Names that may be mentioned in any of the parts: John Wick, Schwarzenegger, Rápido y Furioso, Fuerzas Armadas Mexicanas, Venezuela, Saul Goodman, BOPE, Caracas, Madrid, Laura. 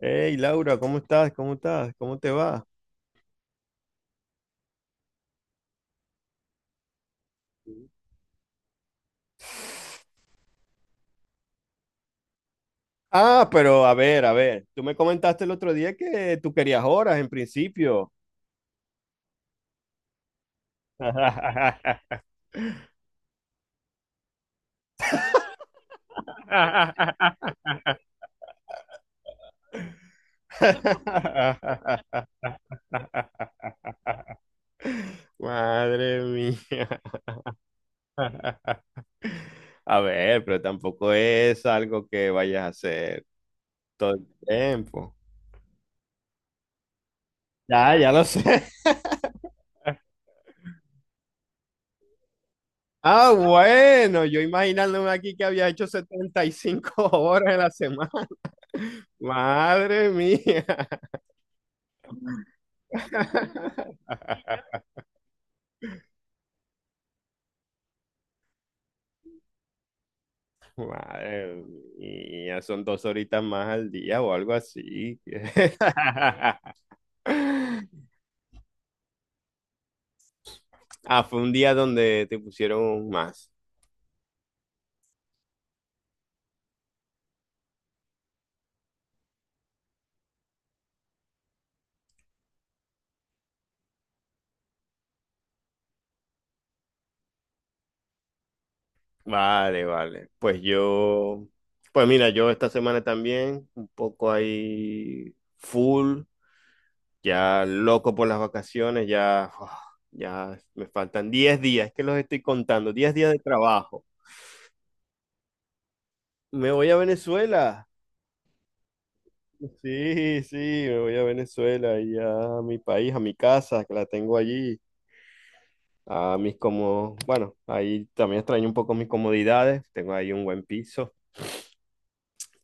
Hey Laura, ¿cómo estás? ¿Cómo te va? Ah, pero a ver, tú me comentaste el otro día que tú querías horas en principio. Madre mía. A ver, pero tampoco es algo que vayas a hacer todo el tiempo. Ya, ya lo sé. Ah, bueno, yo imaginándome aquí que había hecho 75 horas en la semana. Madre mía. Madre mía, son dos horitas más al día o algo así. Ah, fue un día donde te pusieron más. Vale, vale. Pues mira, yo esta semana también, un poco ahí full, ya loco por las vacaciones, ya, uf, ya me faltan 10 días, es que los estoy contando, 10 días de trabajo. Me voy a Venezuela. Sí, sí, me voy a Venezuela y a mi país, a mi casa, que la tengo allí, a mis como, bueno, ahí también extraño un poco mis comodidades, tengo ahí un buen piso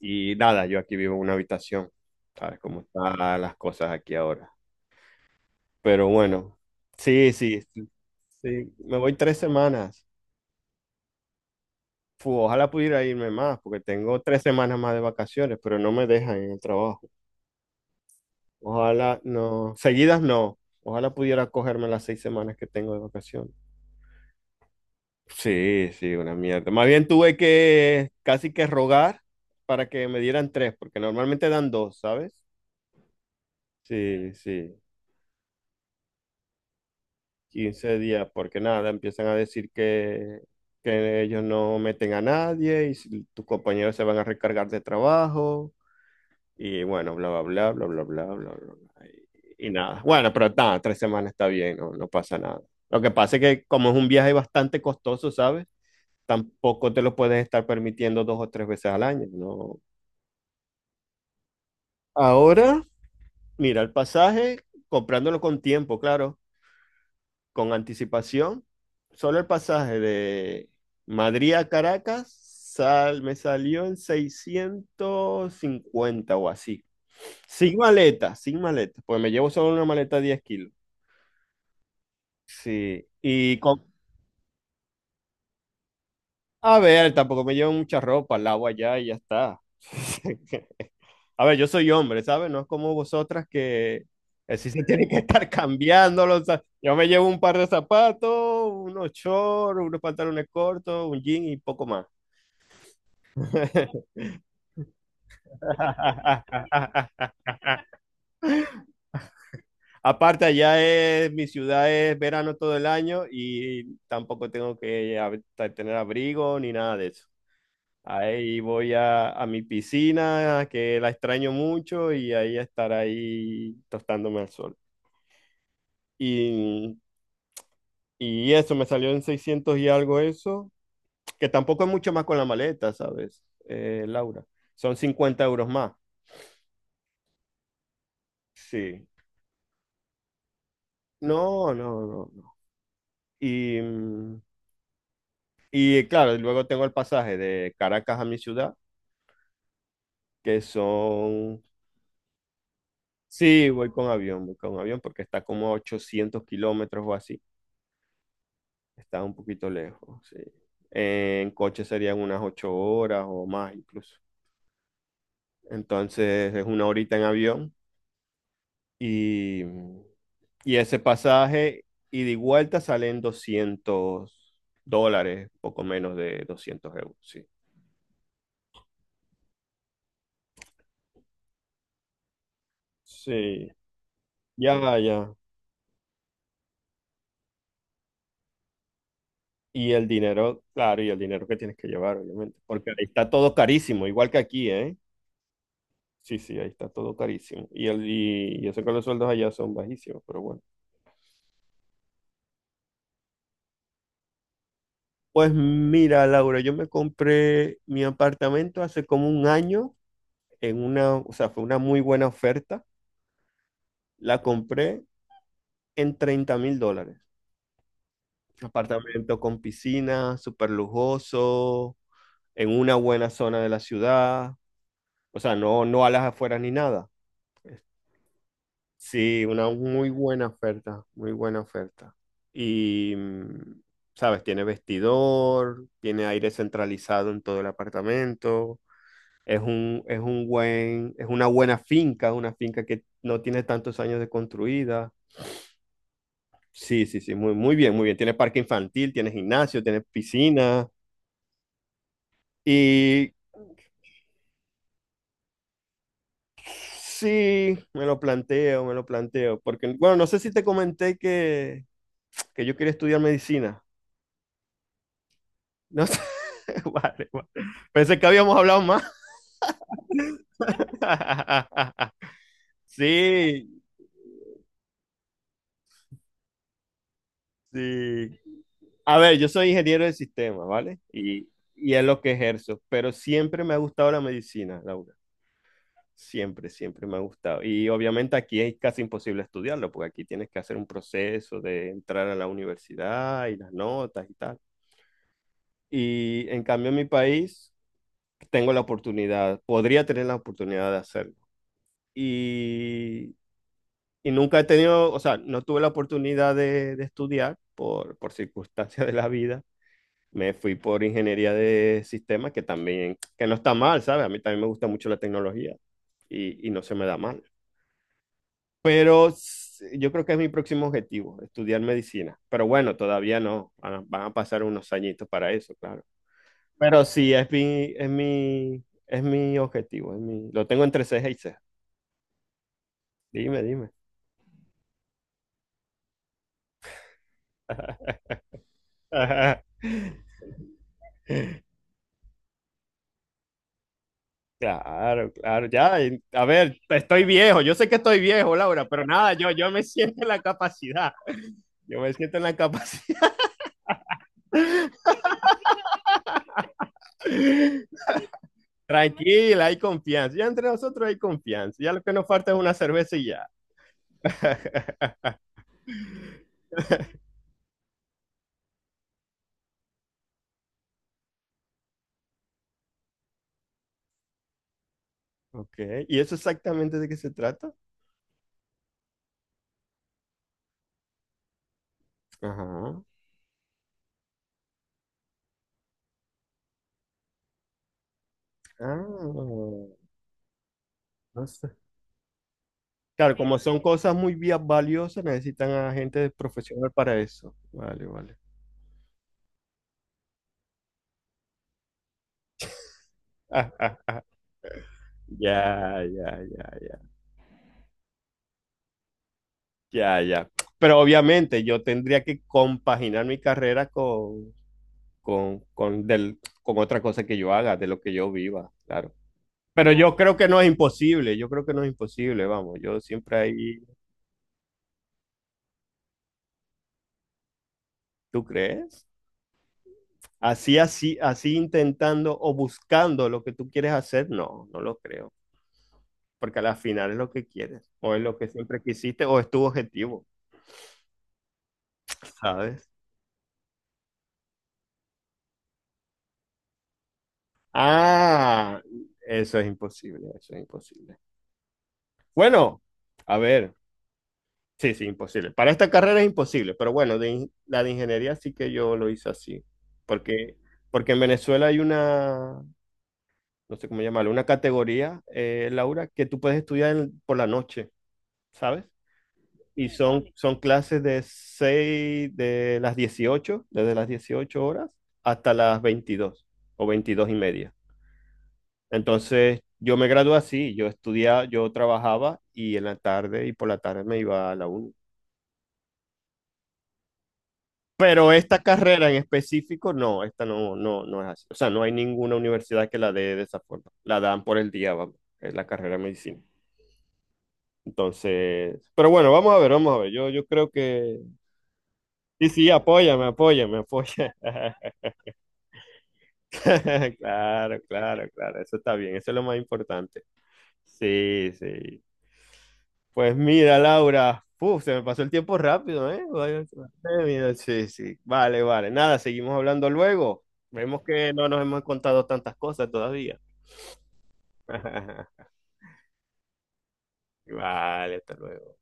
y nada, yo aquí vivo en una habitación, sabes cómo están las cosas aquí ahora. Pero bueno, sí, sí, sí, sí, me voy 3 semanas. Fu, ojalá pudiera irme más, porque tengo 3 semanas más de vacaciones, pero no me dejan en el trabajo. Ojalá no, seguidas no. Ojalá pudiera cogerme las 6 semanas que tengo de vacaciones. Sí, sí, una mierda. Más bien tuve que casi que rogar para que me dieran tres, porque normalmente dan dos, ¿sabes? Sí, sí, 15 días, porque nada, empiezan a decir que ellos no meten a nadie y si tus compañeros se van a recargar de trabajo. Y bueno, bla, bla, bla, bla, bla, bla, bla, bla, bla. Y nada. Bueno, pero está, 3 semanas está bien, no, no pasa nada. Lo que pasa es que como es un viaje bastante costoso, ¿sabes? Tampoco te lo puedes estar permitiendo dos o tres veces al año, ¿no? Ahora, mira, el pasaje, comprándolo con tiempo, claro, con anticipación, solo el pasaje de Madrid a Caracas me salió en 650 o así. Sin maleta, sin maleta, pues me llevo solo una maleta de 10 kilos. Sí, y con... A ver, tampoco me llevo mucha ropa, lavo allá y ya está. A ver, yo soy hombre, ¿sabes? No es como vosotras que sí se tienen que estar cambiándolos. O sea, yo me llevo un par de zapatos, unos shorts, unos pantalones cortos, un jean y poco más. Aparte, allá es, mi ciudad es verano todo el año y tampoco tengo que tener abrigo ni nada de eso. Ahí voy a mi piscina, que la extraño mucho, y ahí estar ahí tostándome al sol. Y, y eso, me salió en 600 y algo eso, que tampoco es mucho más con la maleta, ¿sabes, Laura? Son 50 euros más. Sí. No, no, no, no. Y, mm, y claro, luego tengo el pasaje de Caracas a mi ciudad que son... Sí, voy con avión porque está como a 800 kilómetros o así. Está un poquito lejos, sí. En coche serían unas 8 horas o más incluso. Entonces es una horita en avión y, y ese pasaje ida y vuelta salen 200 dólares, poco menos de 200 euros, sí. Sí, ya, ya. Y el dinero, claro, y el dinero que tienes que llevar, obviamente, porque ahí está todo carísimo, igual que aquí, ¿eh? Sí, sí, ahí está todo carísimo. Y eso que los sueldos allá son bajísimos, pero bueno. Pues mira, Laura, yo me compré mi apartamento hace como un año o sea, fue una muy buena oferta. La compré en 30.000 dólares. Apartamento con piscina, súper lujoso, en una buena zona de la ciudad. O sea, no, no a las afueras ni nada. Sí, una muy buena oferta, muy buena oferta. Y, sabes, tiene vestidor, tiene aire centralizado en todo el apartamento. Es una buena finca, una finca que no tiene tantos años de construida. Sí, sí, sí, muy, muy bien, muy bien. Tiene parque infantil, tiene gimnasio, tiene piscina. Y sí, me lo planteo, me lo planteo. Porque, bueno, no sé si te comenté que yo quería estudiar medicina. No sé. Vale, vale. Pensé que habíamos hablado más. Sí, sí. A ver, yo soy ingeniero de sistemas, ¿vale? Y es lo que ejerzo, pero siempre me ha gustado la medicina, Laura. Siempre, siempre me ha gustado. Y obviamente aquí es casi imposible estudiarlo, porque aquí tienes que hacer un proceso de entrar a la universidad y las notas y tal. Y en cambio en mi país tengo la oportunidad, podría tener la oportunidad de hacerlo. Y y nunca he tenido, o sea, no tuve la oportunidad de estudiar por circunstancias de la vida. Me fui por ingeniería de sistemas, que también, que no está mal, ¿sabes? A mí también me gusta mucho la tecnología y no se me da mal. Pero yo creo que es mi próximo objetivo, estudiar medicina. Pero bueno, todavía no, van a pasar unos añitos para eso, claro. Pero sí, es mi objetivo, lo tengo entre ceja y ceja. Dime, dime. Claro, claro, ya. A ver, estoy viejo, yo sé que estoy viejo, Laura, pero nada, yo me siento en la capacidad, yo me siento en la capacidad. Tranquila, hay confianza, ya entre nosotros hay confianza, ya lo que nos falta es una cerveza y ya. Ok, ¿y eso exactamente de qué se trata? Ajá. Ah, no sé. Claro, como son cosas muy valiosas, necesitan a gente profesional para eso. Vale, vale. Ah, ah, ya, ya, ya, ya. Ya, ya. Pero obviamente yo tendría que compaginar mi carrera con otra cosa que yo haga, de lo que yo viva, claro. Pero yo creo que no es imposible, yo creo que no es imposible, vamos, yo siempre ahí, ¿tú crees? Así, así, así intentando o buscando lo que tú quieres hacer, no, no lo creo, porque al final es lo que quieres, o es lo que siempre quisiste, o es tu objetivo, ¿sabes? Ah, eso es imposible, eso es imposible. Bueno, a ver. Sí, sí, imposible. Para esta carrera es imposible, pero bueno, la de ingeniería sí que yo lo hice así, porque, porque en Venezuela hay una, no sé cómo llamarlo, una categoría, Laura, que tú puedes estudiar por la noche, ¿sabes? Y son clases de las 18 desde las 18:00 hasta las 22 o 22:30. Entonces, yo me gradué así, yo estudiaba, yo trabajaba y en la tarde y por la tarde me iba a la uni. Pero esta carrera en específico, no, esta no, no, no es así. O sea, no hay ninguna universidad que la dé de esa forma. La dan por el día, vamos, es la carrera de medicina. Entonces, pero bueno, vamos a ver, vamos a ver. Yo creo que... Sí, sí, apóyame, apóyame, apóyame. Claro, claro, claro. Eso está bien, eso es lo más importante. Sí, sí. Pues mira, Laura, uf, se me pasó el tiempo rápido, ¿eh? Mira, sí, sí, vale, vale. Nada, seguimos hablando luego. Vemos que no nos hemos contado tantas cosas todavía. Vale, hasta luego.